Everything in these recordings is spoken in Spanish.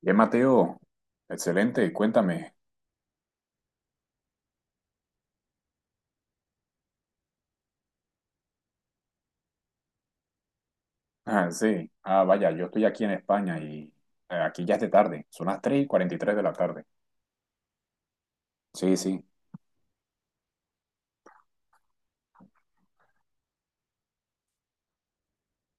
Bien, Mateo, excelente, cuéntame. Ah, sí, ah, vaya, yo estoy aquí en España y aquí ya es de tarde, son las 3 y cuarenta y tres de la tarde. Sí, sí.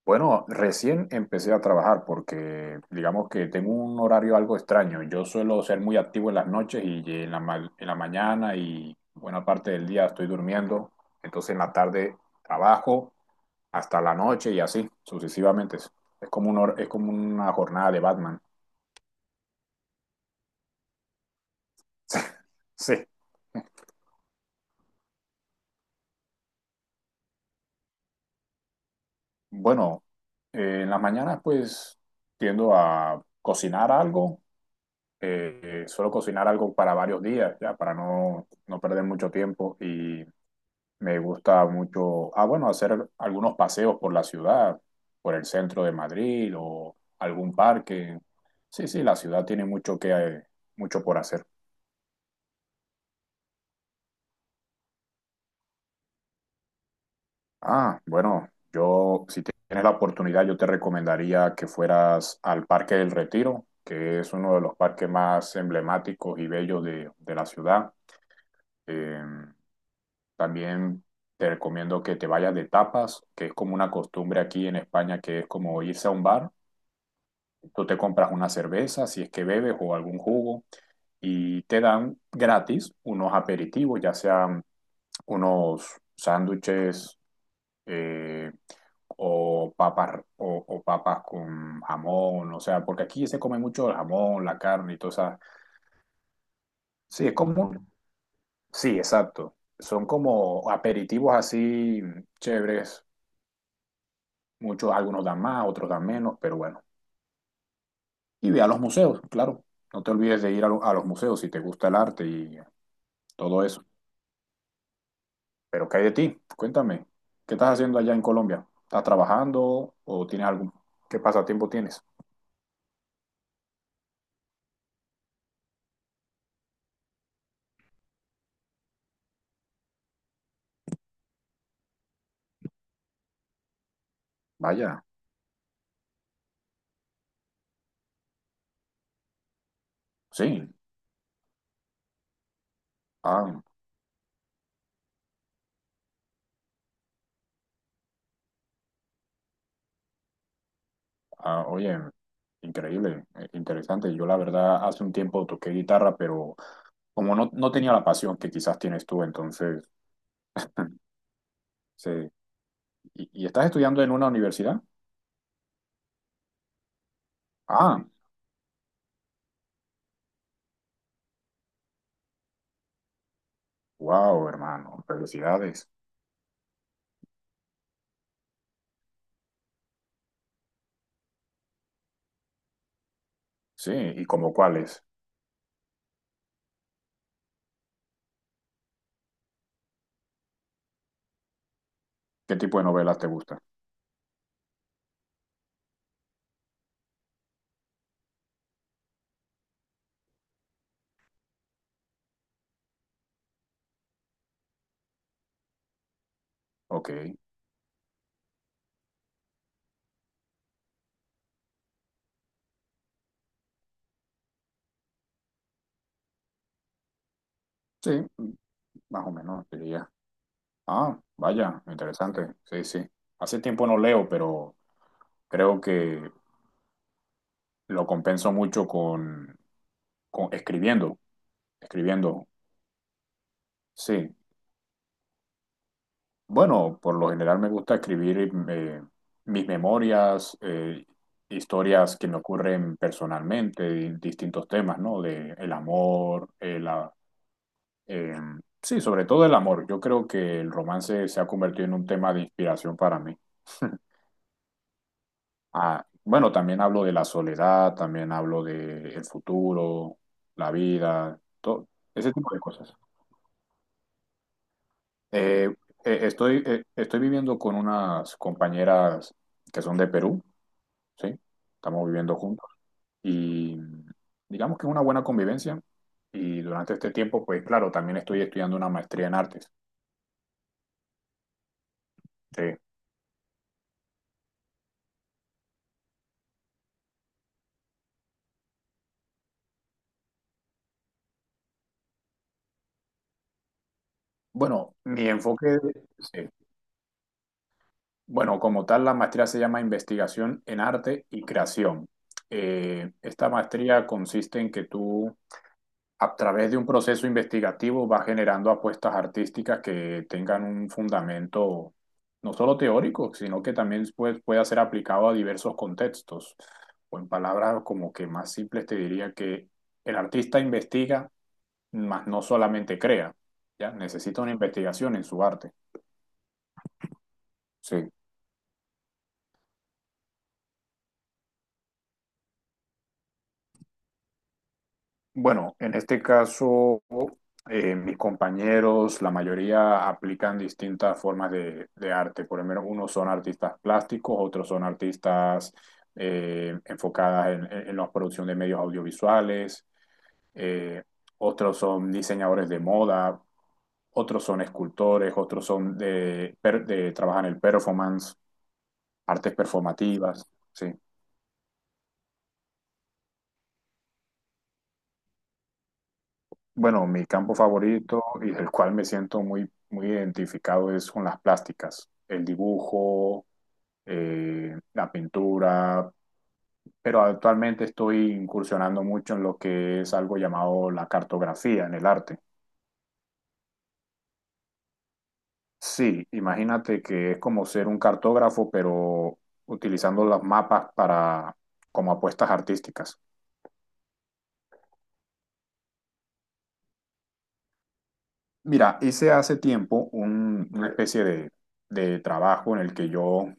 Bueno, recién empecé a trabajar porque digamos que tengo un horario algo extraño. Yo suelo ser muy activo en las noches y en la, en la mañana y buena parte del día estoy durmiendo. Entonces en la tarde trabajo hasta la noche y así sucesivamente. Es como un es como una jornada de Batman. Sí. Bueno, en las mañanas pues tiendo a cocinar algo, eh, suelo cocinar algo para varios días, ya, para no perder mucho tiempo y me gusta mucho, ah, bueno, hacer algunos paseos por la ciudad, por el centro de Madrid o algún parque. Sí, sí, la ciudad tiene mucho por hacer. Ah, bueno, yo si tienes la oportunidad, yo te recomendaría que fueras al Parque del Retiro, que es uno de los parques más emblemáticos y bellos de la ciudad. Eh, también te recomiendo que te vayas de tapas, que es como una costumbre aquí en España, que es como irse a un bar. Tú te compras una cerveza, si es que bebes, o algún jugo, y te dan gratis unos aperitivos, ya sean unos sándwiches, eh, o papas, o papas con jamón, o sea, porque aquí se come mucho el jamón, la carne y todo eso. Sí, es común. Sí, exacto. Son como aperitivos así chéveres. Muchos, algunos dan más, otros dan menos, pero bueno. Y ve a los museos, claro. No te olvides de ir a los museos si te gusta el arte y todo eso. Pero ¿qué hay de ti? Cuéntame, ¿qué estás haciendo allá en Colombia? ¿Estás trabajando o tienes algún, qué pasatiempo tienes? Vaya, sí. Ah. Ah, oye, increíble, interesante. Yo la verdad hace un tiempo toqué guitarra, pero como no tenía la pasión que quizás tienes tú, entonces, sí. ¿Y, estás estudiando en una universidad? Ah, wow, hermano, felicidades. Sí, ¿y como cuáles? ¿Qué tipo de novelas te gustan? Ok, sí, más o menos diría. Ah, vaya, interesante, sí, sí. Hace tiempo no leo, pero creo que lo compenso mucho con escribiendo, escribiendo. Sí, bueno, por lo general me gusta escribir, eh, mis memorias, historias que me ocurren personalmente, distintos temas, ¿no? De el amor, eh, sí, sobre todo el amor. Yo creo que el romance se ha convertido en un tema de inspiración para mí. Ah, bueno, también hablo de la soledad, también hablo de el futuro, la vida, todo ese tipo de cosas. Eh, estoy viviendo con unas compañeras que son de Perú. ¿Sí? Estamos viviendo juntos y digamos que es una buena convivencia. Y durante este tiempo, pues claro, también estoy estudiando una maestría en artes. Sí. Bueno, mi enfoque, sí. Bueno, como tal, la maestría se llama Investigación en Arte y Creación. Esta maestría consiste en que tú a través de un proceso investigativo va generando apuestas artísticas que tengan un fundamento no solo teórico, sino que también puede pueda ser aplicado a diversos contextos. O en palabras como que más simples te diría que el artista investiga, mas no solamente crea, ¿ya? Necesita una investigación en su arte. Sí. Bueno, en este caso, mis compañeros, la mayoría aplican distintas formas de arte. Por lo menos unos son artistas plásticos, otros son artistas, enfocadas en la producción de medios audiovisuales, eh, otros son diseñadores de moda, otros son escultores, otros son trabajan el performance, artes performativas, ¿sí? Bueno, mi campo favorito y el cual me siento muy, muy identificado es con las plásticas, el dibujo, la pintura, pero actualmente estoy incursionando mucho en lo que es algo llamado la cartografía en el arte. Sí, imagínate que es como ser un cartógrafo, pero utilizando los mapas para como apuestas artísticas. Mira, hice hace tiempo una especie de trabajo en el que yo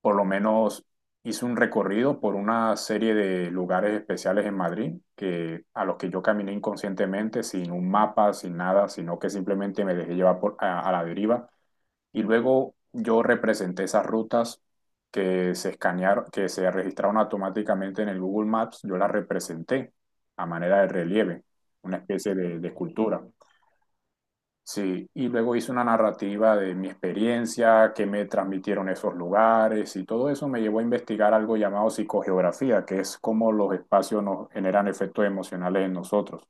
por lo menos hice un recorrido por una serie de lugares especiales en Madrid que, a los que yo caminé inconscientemente, sin un mapa, sin nada, sino que simplemente me dejé llevar a la deriva. Y luego yo representé esas rutas que se escanearon, que se registraron automáticamente en el Google Maps, yo las representé a manera de relieve, una especie de escultura. Sí, y luego hice una narrativa de mi experiencia, qué me transmitieron esos lugares y todo eso me llevó a investigar algo llamado psicogeografía, que es cómo los espacios nos generan efectos emocionales en nosotros.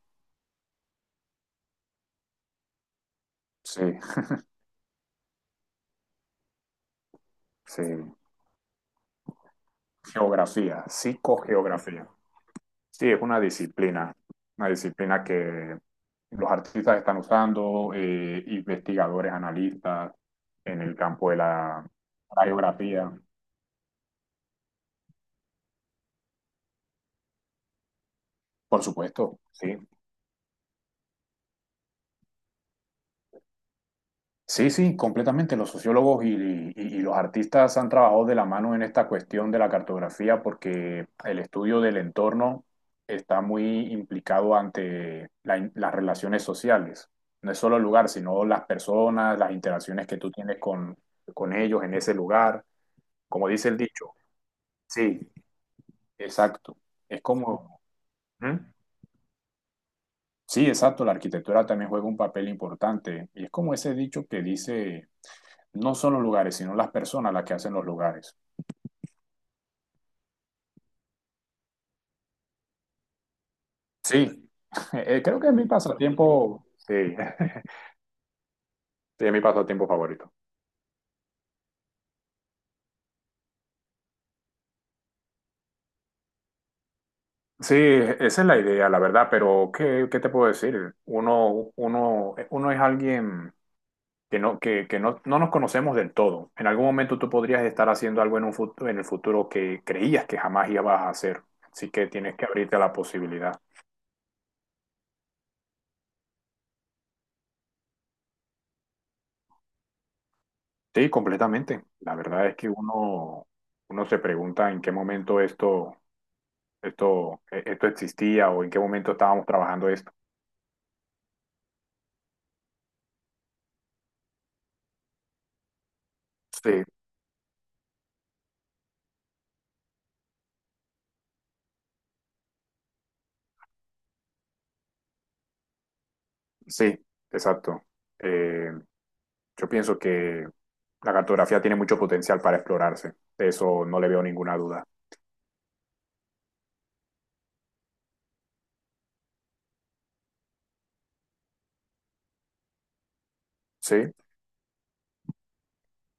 Sí, sí, geografía, psicogeografía. Sí, es una disciplina que los artistas están usando, investigadores, analistas en el campo de la, la geografía, por supuesto, sí. Sí, sí, completamente. Los sociólogos y los artistas han trabajado de la mano en esta cuestión de la cartografía porque el estudio del entorno está muy implicado ante la las relaciones sociales. No es solo el lugar, sino las personas, las interacciones que tú tienes con ellos en ese lugar. Como dice el dicho. Sí, exacto. Es como... ¿Mm? Sí, exacto. La arquitectura también juega un papel importante. Y es como ese dicho que dice... no son los lugares, sino las personas las que hacen los lugares. Sí, creo que es mi pasatiempo. Sí, sí, es mi pasatiempo favorito. Sí, esa es la idea, la verdad, pero ¿qué, qué te puedo decir? Uno es alguien que no nos conocemos del todo. En algún momento tú podrías estar haciendo algo en un futuro, en el futuro que creías que jamás ibas a hacer. Así que tienes que abrirte a la posibilidad. Sí, completamente. La verdad es que uno se pregunta en qué momento esto esto existía o en qué momento estábamos trabajando esto. Sí, sí, exacto. Eh, yo pienso que la cartografía tiene mucho potencial para explorarse. De eso no le veo ninguna duda. Sí,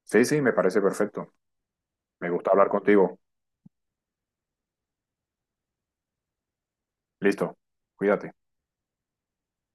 sí, sí, me parece perfecto. Me gusta hablar contigo. Listo, cuídate.